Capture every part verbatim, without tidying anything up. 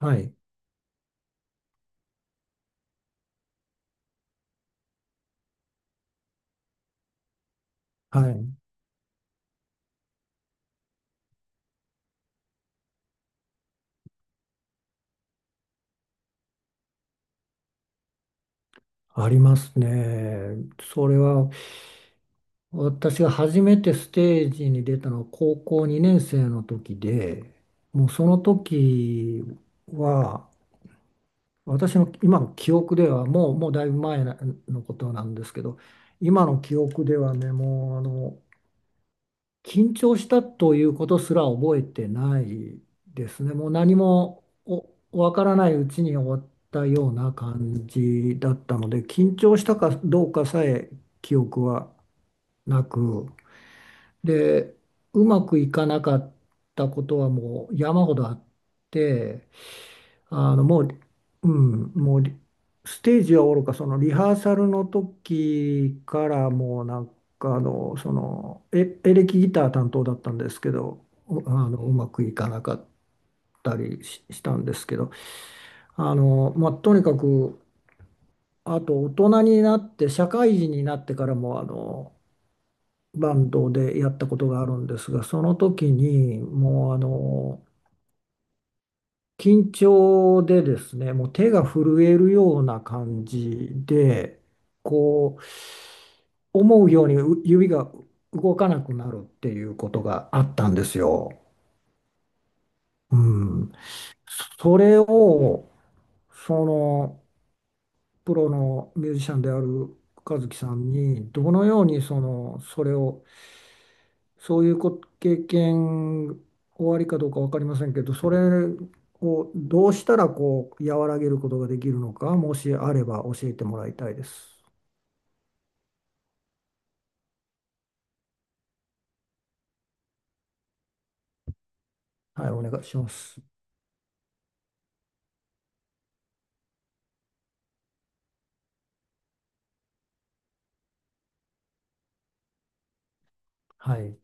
はい、はい、ありますね。それは私が初めてステージに出たのは高校にねん生の時で、もうその時は私の今の記憶ではもう、もうだいぶ前のことなんですけど、今の記憶ではね、もうあの緊張したということすら覚えてないですね。もう何もおわからないうちに終わったような感じだったので、緊張したかどうかさえ記憶はなく、で、うまくいかなかったことはもう山ほどあって、あのもう、うん、もうリステージはおろか、そのリハーサルの時からもうなんかあの、そのエ、エレキギター担当だったんですけど、うあのうまくいかなかったりし、したんですけど、あの、まあ、とにかく、あと大人になって、社会人になってからもあのバンドでやったことがあるんですが、その時にもうあの、緊張でですね、もう手が震えるような感じで、こう、思うようにう指が動かなくなるっていうことがあったんですよ。うん。それを、その、プロのミュージシャンである和樹さんに、どのようにその、それをそういうこ経験、終わりかどうか分かりませんけど、それをどうしたらこう和らげることができるのか、もしあれば教えてもらいたいです。はい、お願いします。はい、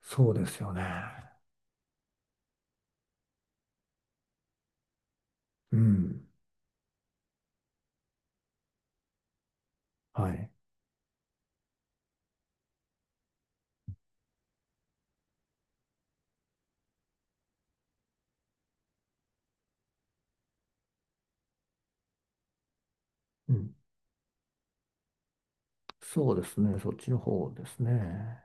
そうですよね。うん、はい、うん、そうですね、そっちの方ですね。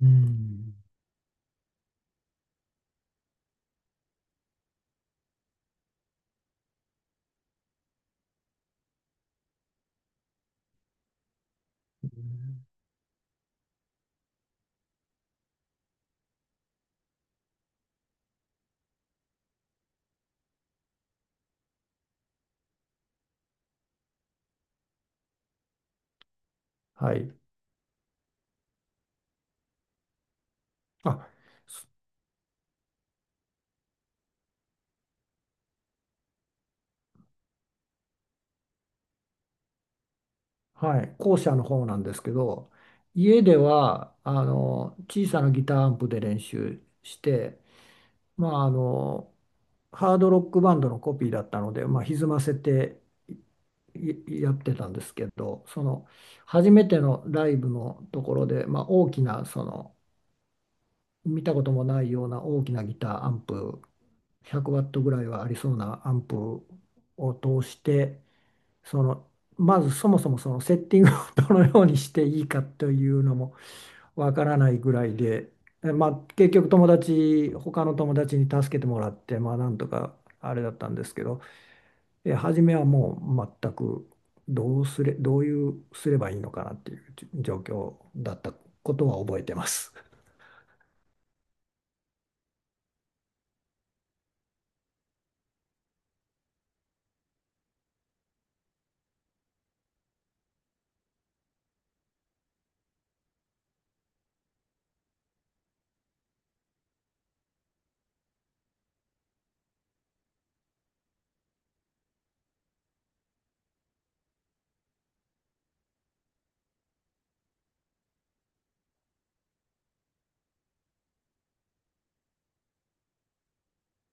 うん、はい、あ、すはい、校舎の方なんですけど、家ではあの小さなギターアンプで練習して、まあ、あの、ハードロックバンドのコピーだったので、まあ、歪ませていやってたんですけど、その初めてのライブのところで、まあ、大きな、その見たこともないような大きなギターアンプ、ひゃくワットぐらいはありそうなアンプを通して、そのまずそもそもそのセッティングを どのようにしていいかというのもわからないぐらいで、えまあ、結局友達他の友達に助けてもらってまあなんとかあれだったんですけど、え初めはもう全くどうすれ、どういうすればいいのかなっていう状況だったことは覚えてます。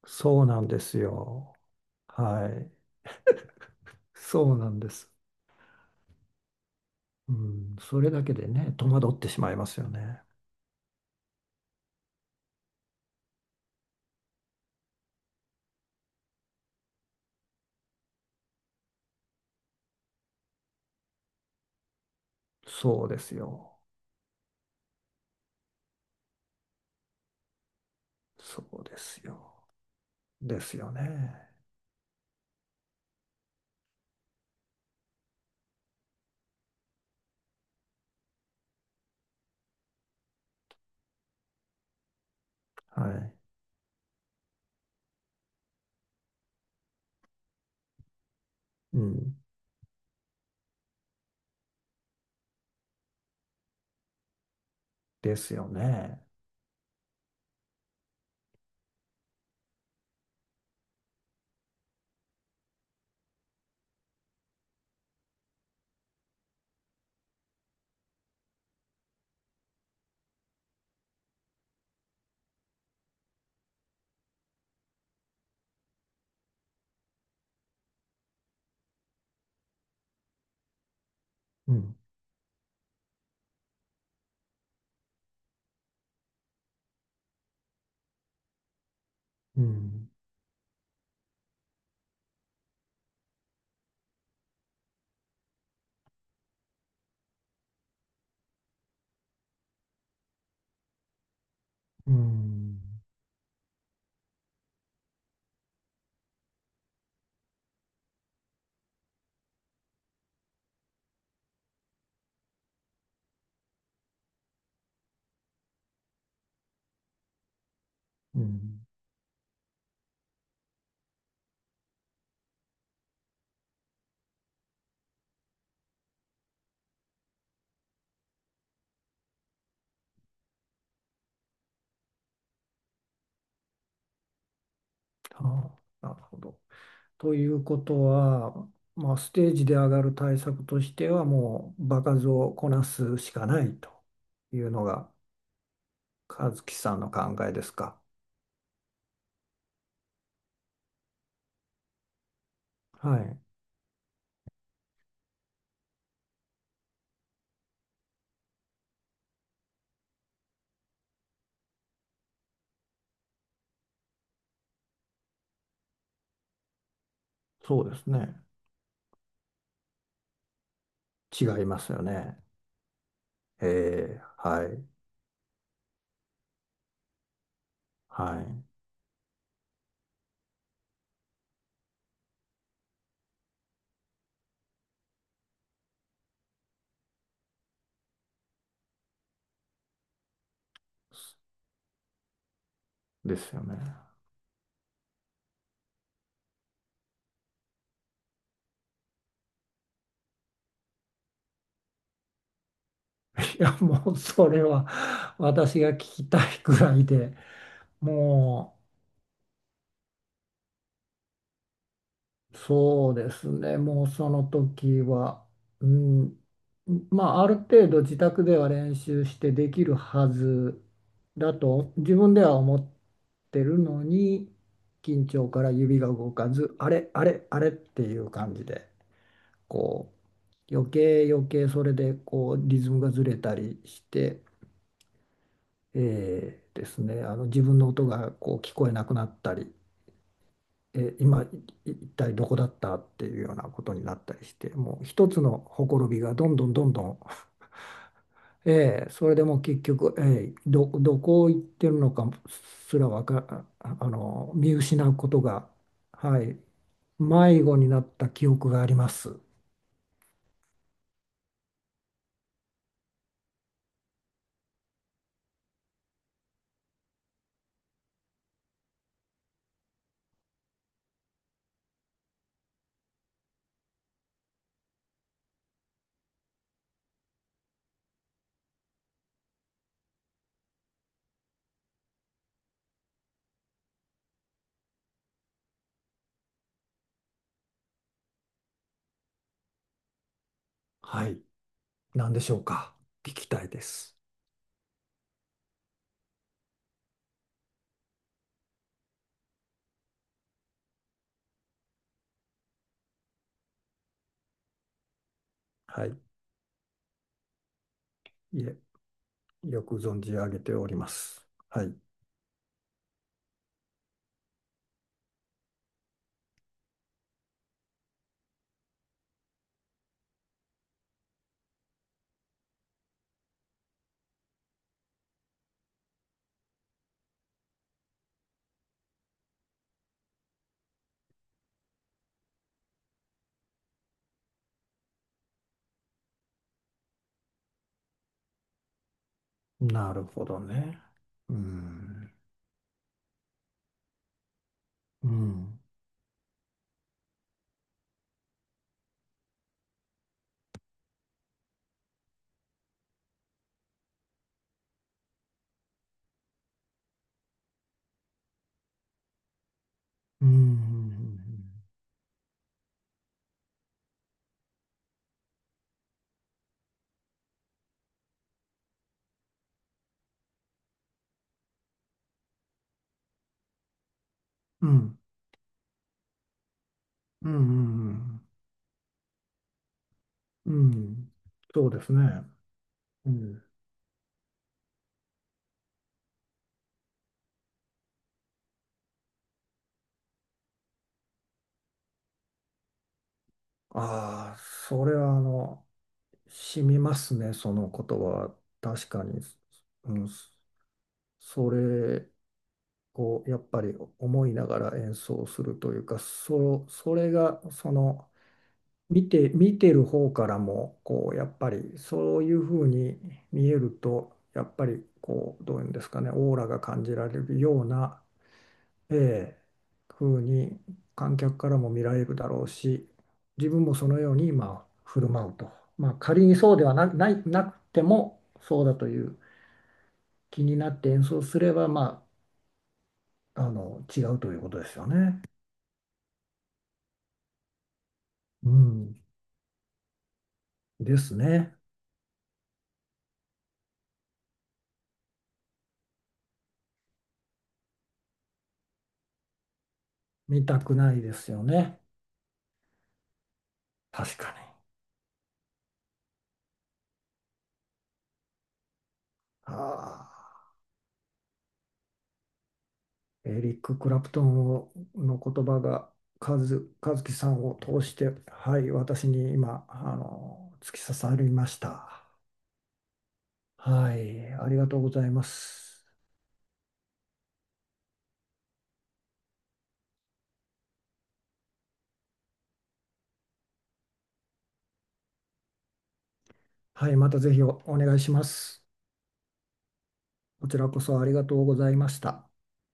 そうなんですよ。はい。そうなんです。うん、それだけでね、戸惑ってしまいますよね。そうですよ。そうですよ。ですよね。はい。うん。ですよね。うん。うん。うん。うん。ああ、なるほど。ということは、まあ、ステージで上がる対策としては、もう場数をこなすしかないというのが、和樹さんの考えですか？はい。そうですね。違いますよね。ええ、はい。はい。ですよね。いや、もうそれは私が聞きたいくらいで、もうそうですね、もうその時は、うん、まあある程度自宅では練習してできるはずだと自分では思ってるのに、緊張から指が動かず、あれ、あれ、あれっていう感じで、こう、余計余計それでこうリズムがずれたりして、えーですね、あの自分の音がこう聞こえなくなったり、えー今い一体どこだったっていうようなことになったりして、もう一つのほころびがどんどんどんどん、えーそれでもう結局、えーど、どこ行ってるのかすらわか、ああの見失うことが、はい、迷子になった記憶があります。はい、何でしょうか？聞きたいです。はい、いえ、よく存じ上げております。はい。なるほどね。うん。うん。うん。うん。うん。うん。うんそうですね。うん。ああ、それはあの、染みますね、その言葉。確かに。うん。それをやっぱり思いながら演奏するというか、そ、それがその、見て、見てる方からもこうやっぱりそういうふうに見えるとやっぱりこうどういうんですかねオーラが感じられるような、ええ、ふうに観客からも見られるだろうし自分もそのように今振る舞うと、まあ、仮にそうではな、ない、なくてもそうだという気になって演奏すれば、まあ、あの違うということですよね。うん、ですね。見たくないですよね。確かに。ああ。エリック・クラプトンをの言葉が和、和樹さんを通して、はい、私に今、あの、突き刺さりました。はい、ありがとうございます。はい、またぜひおお願いします。こちらこそありがとうございました。